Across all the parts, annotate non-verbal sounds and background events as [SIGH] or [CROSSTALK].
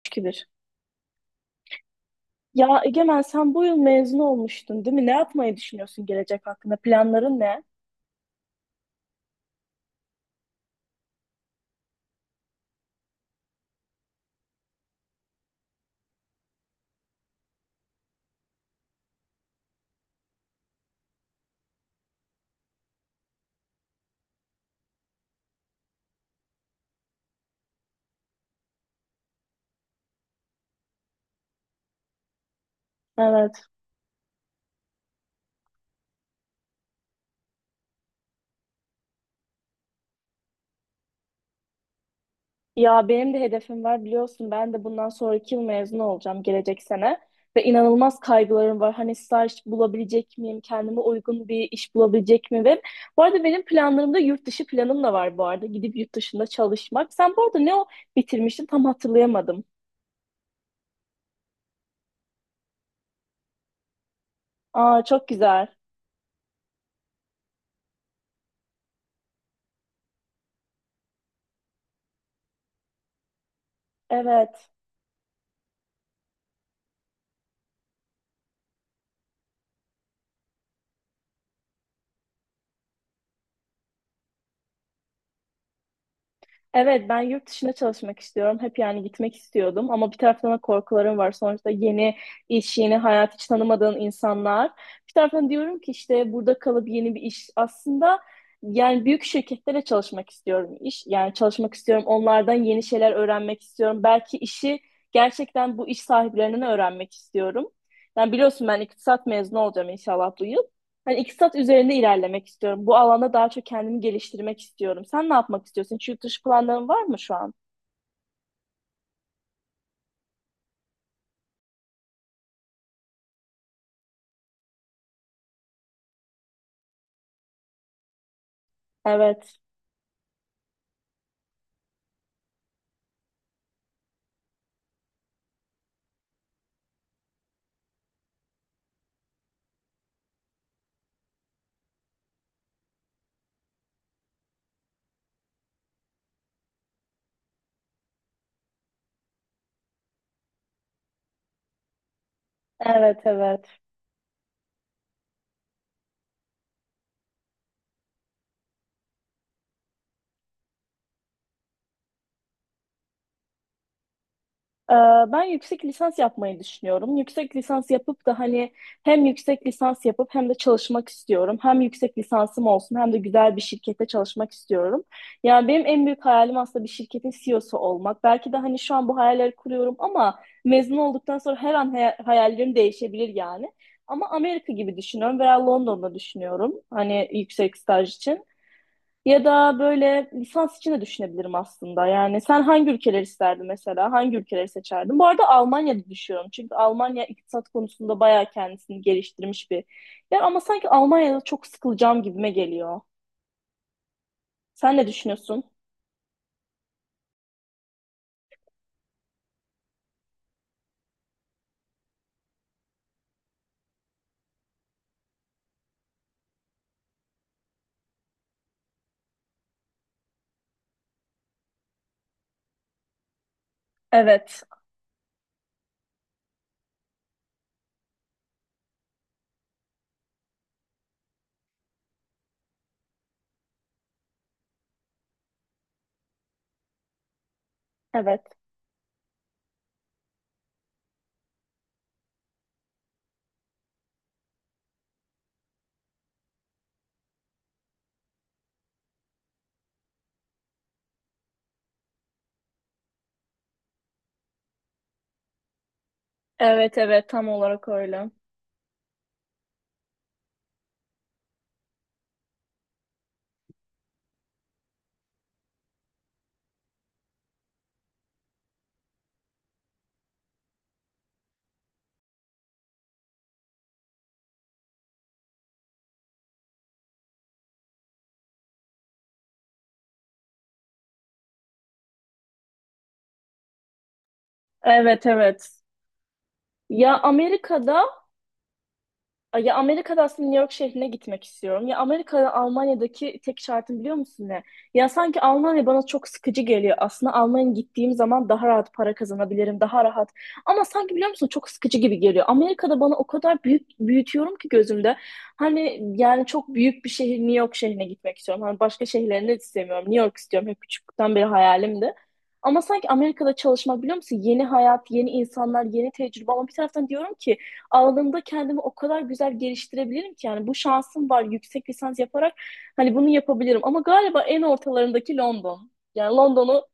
3-2-1. Ya Egemen, sen bu yıl mezun olmuştun değil mi? Ne yapmayı düşünüyorsun gelecek hakkında? Planların ne? Evet. Ya benim de hedefim var biliyorsun. Ben de bundan sonraki yıl mezun olacağım, gelecek sene. Ve inanılmaz kaygılarım var. Hani staj bulabilecek miyim? Kendime uygun bir iş bulabilecek miyim? Ve bu arada benim planlarımda yurt dışı planım da var bu arada. Gidip yurt dışında çalışmak. Sen bu arada ne o bitirmiştin tam hatırlayamadım. Aa, çok güzel. Evet. Evet, ben yurt dışına çalışmak istiyorum. Hep yani gitmek istiyordum ama bir taraftan da korkularım var. Sonuçta yeni iş, yeni hayat, hiç tanımadığın insanlar. Bir taraftan diyorum ki işte burada kalıp yeni bir iş. Aslında yani büyük şirketlere çalışmak istiyorum iş. Yani çalışmak istiyorum, onlardan yeni şeyler öğrenmek istiyorum. Belki işi gerçekten bu iş sahiplerinden öğrenmek istiyorum. Yani biliyorsun ben iktisat mezunu olacağım inşallah bu yıl. Hani iktisat üzerinde ilerlemek istiyorum. Bu alanda daha çok kendimi geliştirmek istiyorum. Sen ne yapmak istiyorsun? Hiç yurt dışı planların var mı şu an? Evet. Evet, evet. Ee, Ben yüksek lisans yapmayı düşünüyorum. Yüksek lisans yapıp da hani hem yüksek lisans yapıp hem de çalışmak istiyorum. Hem yüksek lisansım olsun hem de güzel bir şirkette çalışmak istiyorum. Yani benim en büyük hayalim aslında bir şirketin CEO'su olmak. Belki de hani şu an bu hayalleri kuruyorum ama mezun olduktan sonra her an hayallerim değişebilir yani. Ama Amerika gibi düşünüyorum veya London'da düşünüyorum hani yüksek staj için. Ya da böyle lisans için de düşünebilirim aslında. Yani sen hangi ülkeleri isterdin mesela? Hangi ülkeleri seçerdin? Bu arada Almanya'da düşüyorum. Çünkü Almanya iktisat konusunda bayağı kendisini geliştirmiş bir yer. Ama sanki Almanya'da çok sıkılacağım gibime geliyor. Sen ne düşünüyorsun? Evet. Evet. Evet, evet, tam olarak öyle. Evet, evet. Ya Amerika'da Ya Amerika'da aslında New York şehrine gitmek istiyorum. Ya Amerika'da Almanya'daki tek şartım biliyor musun ne? Ya sanki Almanya bana çok sıkıcı geliyor. Aslında Almanya'ya gittiğim zaman daha rahat para kazanabilirim, daha rahat. Ama sanki biliyor musun çok sıkıcı gibi geliyor. Amerika'da bana o kadar büyük büyütüyorum ki gözümde. Hani yani çok büyük bir şehir, New York şehrine gitmek istiyorum. Hani başka şehirlerini de istemiyorum. New York istiyorum. Hep küçüklükten beri hayalimdi. Ama sanki Amerika'da çalışmak biliyor musun? Yeni hayat, yeni insanlar, yeni tecrübe. Ama bir taraftan diyorum ki alanında kendimi o kadar güzel geliştirebilirim ki, yani bu şansım var yüksek lisans yaparak hani bunu yapabilirim ama galiba en ortalarındaki London. Yani London'u,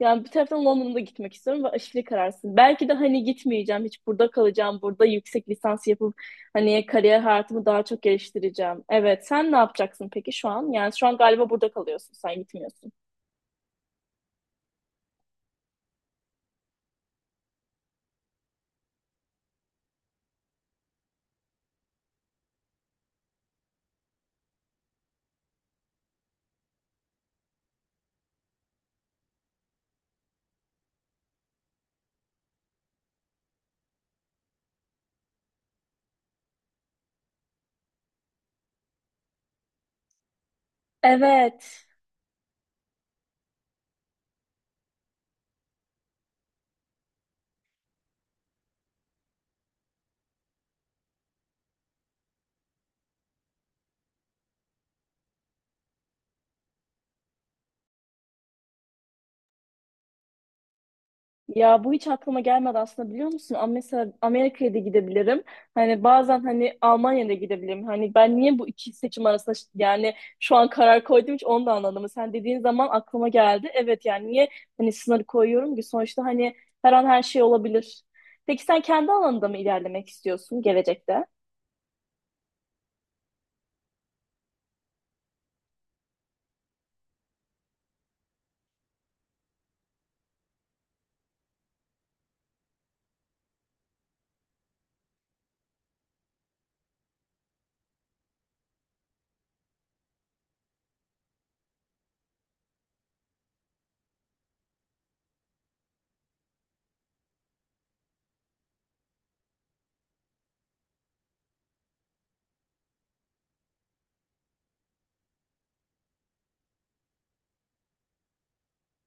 yani bir taraftan London'a da gitmek istiyorum ve aşırı kararsın. Belki de hani gitmeyeceğim, hiç burada kalacağım, burada yüksek lisans yapıp hani kariyer hayatımı daha çok geliştireceğim. Evet, sen ne yapacaksın peki şu an? Yani şu an galiba burada kalıyorsun, sen gitmiyorsun. Evet. Ya bu hiç aklıma gelmedi aslında biliyor musun? Ama mesela Amerika'ya da gidebilirim. Hani bazen hani Almanya'da gidebilirim. Hani ben niye bu iki seçim arasında yani şu an karar koydum, hiç onu da anlamadım. Sen dediğin zaman aklıma geldi. Evet, yani niye hani sınır koyuyorum ki, sonuçta hani her an her şey olabilir. Peki sen kendi alanında mı ilerlemek istiyorsun gelecekte?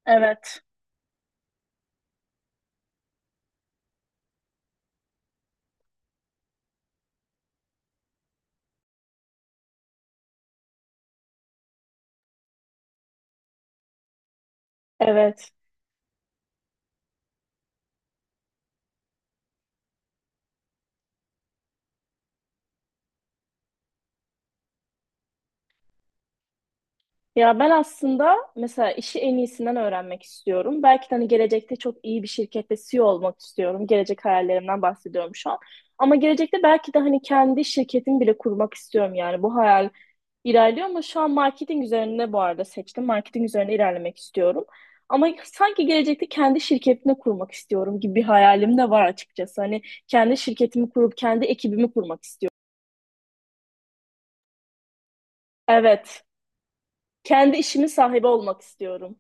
Evet. Evet. Ya ben aslında mesela işi en iyisinden öğrenmek istiyorum. Belki de hani gelecekte çok iyi bir şirkette CEO olmak istiyorum. Gelecek hayallerimden bahsediyorum şu an. Ama gelecekte belki de hani kendi şirketimi bile kurmak istiyorum yani. Bu hayal ilerliyor ama şu an marketing üzerine bu arada seçtim. Marketing üzerine ilerlemek istiyorum. Ama sanki gelecekte kendi şirketimi kurmak istiyorum gibi bir hayalim de var açıkçası. Hani kendi şirketimi kurup kendi ekibimi kurmak istiyorum. Evet. Kendi işimin sahibi olmak istiyorum.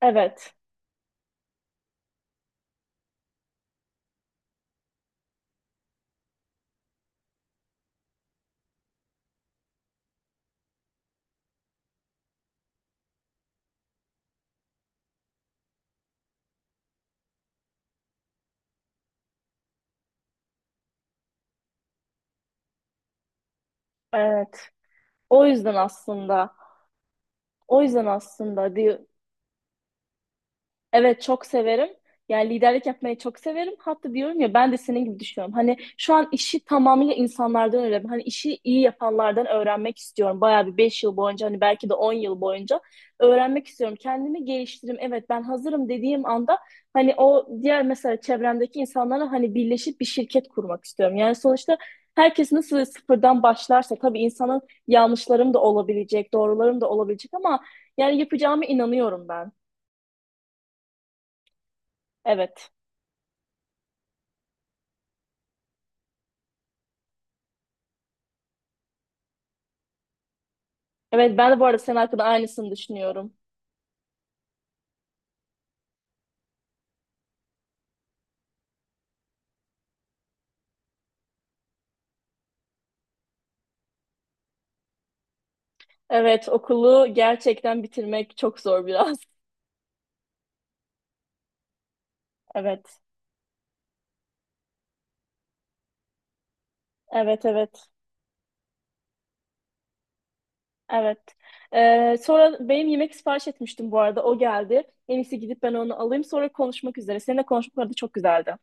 Evet. Evet. O yüzden aslında. O yüzden aslında diyor. Evet, çok severim. Yani liderlik yapmayı çok severim. Hatta diyorum ya ben de senin gibi düşünüyorum. Hani şu an işi tamamıyla insanlardan öğrendim. Hani işi iyi yapanlardan öğrenmek istiyorum. Bayağı bir 5 yıl boyunca hani belki de 10 yıl boyunca öğrenmek istiyorum. Kendimi geliştireyim. Evet, ben hazırım dediğim anda hani o diğer mesela çevremdeki insanlara hani birleşip bir şirket kurmak istiyorum. Yani sonuçta herkes nasıl sıfırdan başlarsa tabii insanın yanlışlarım da olabilecek, doğrularım da olabilecek ama yani yapacağımı inanıyorum ben. Evet. Evet, ben de bu arada senin hakkında aynısını düşünüyorum. Evet, okulu gerçekten bitirmek çok zor biraz. [LAUGHS] Evet. Evet, evet. Evet. Sonra benim yemek sipariş etmiştim bu arada. O geldi. En iyisi gidip ben onu alayım. Sonra konuşmak üzere. Seninle konuşmak bu arada çok güzeldi.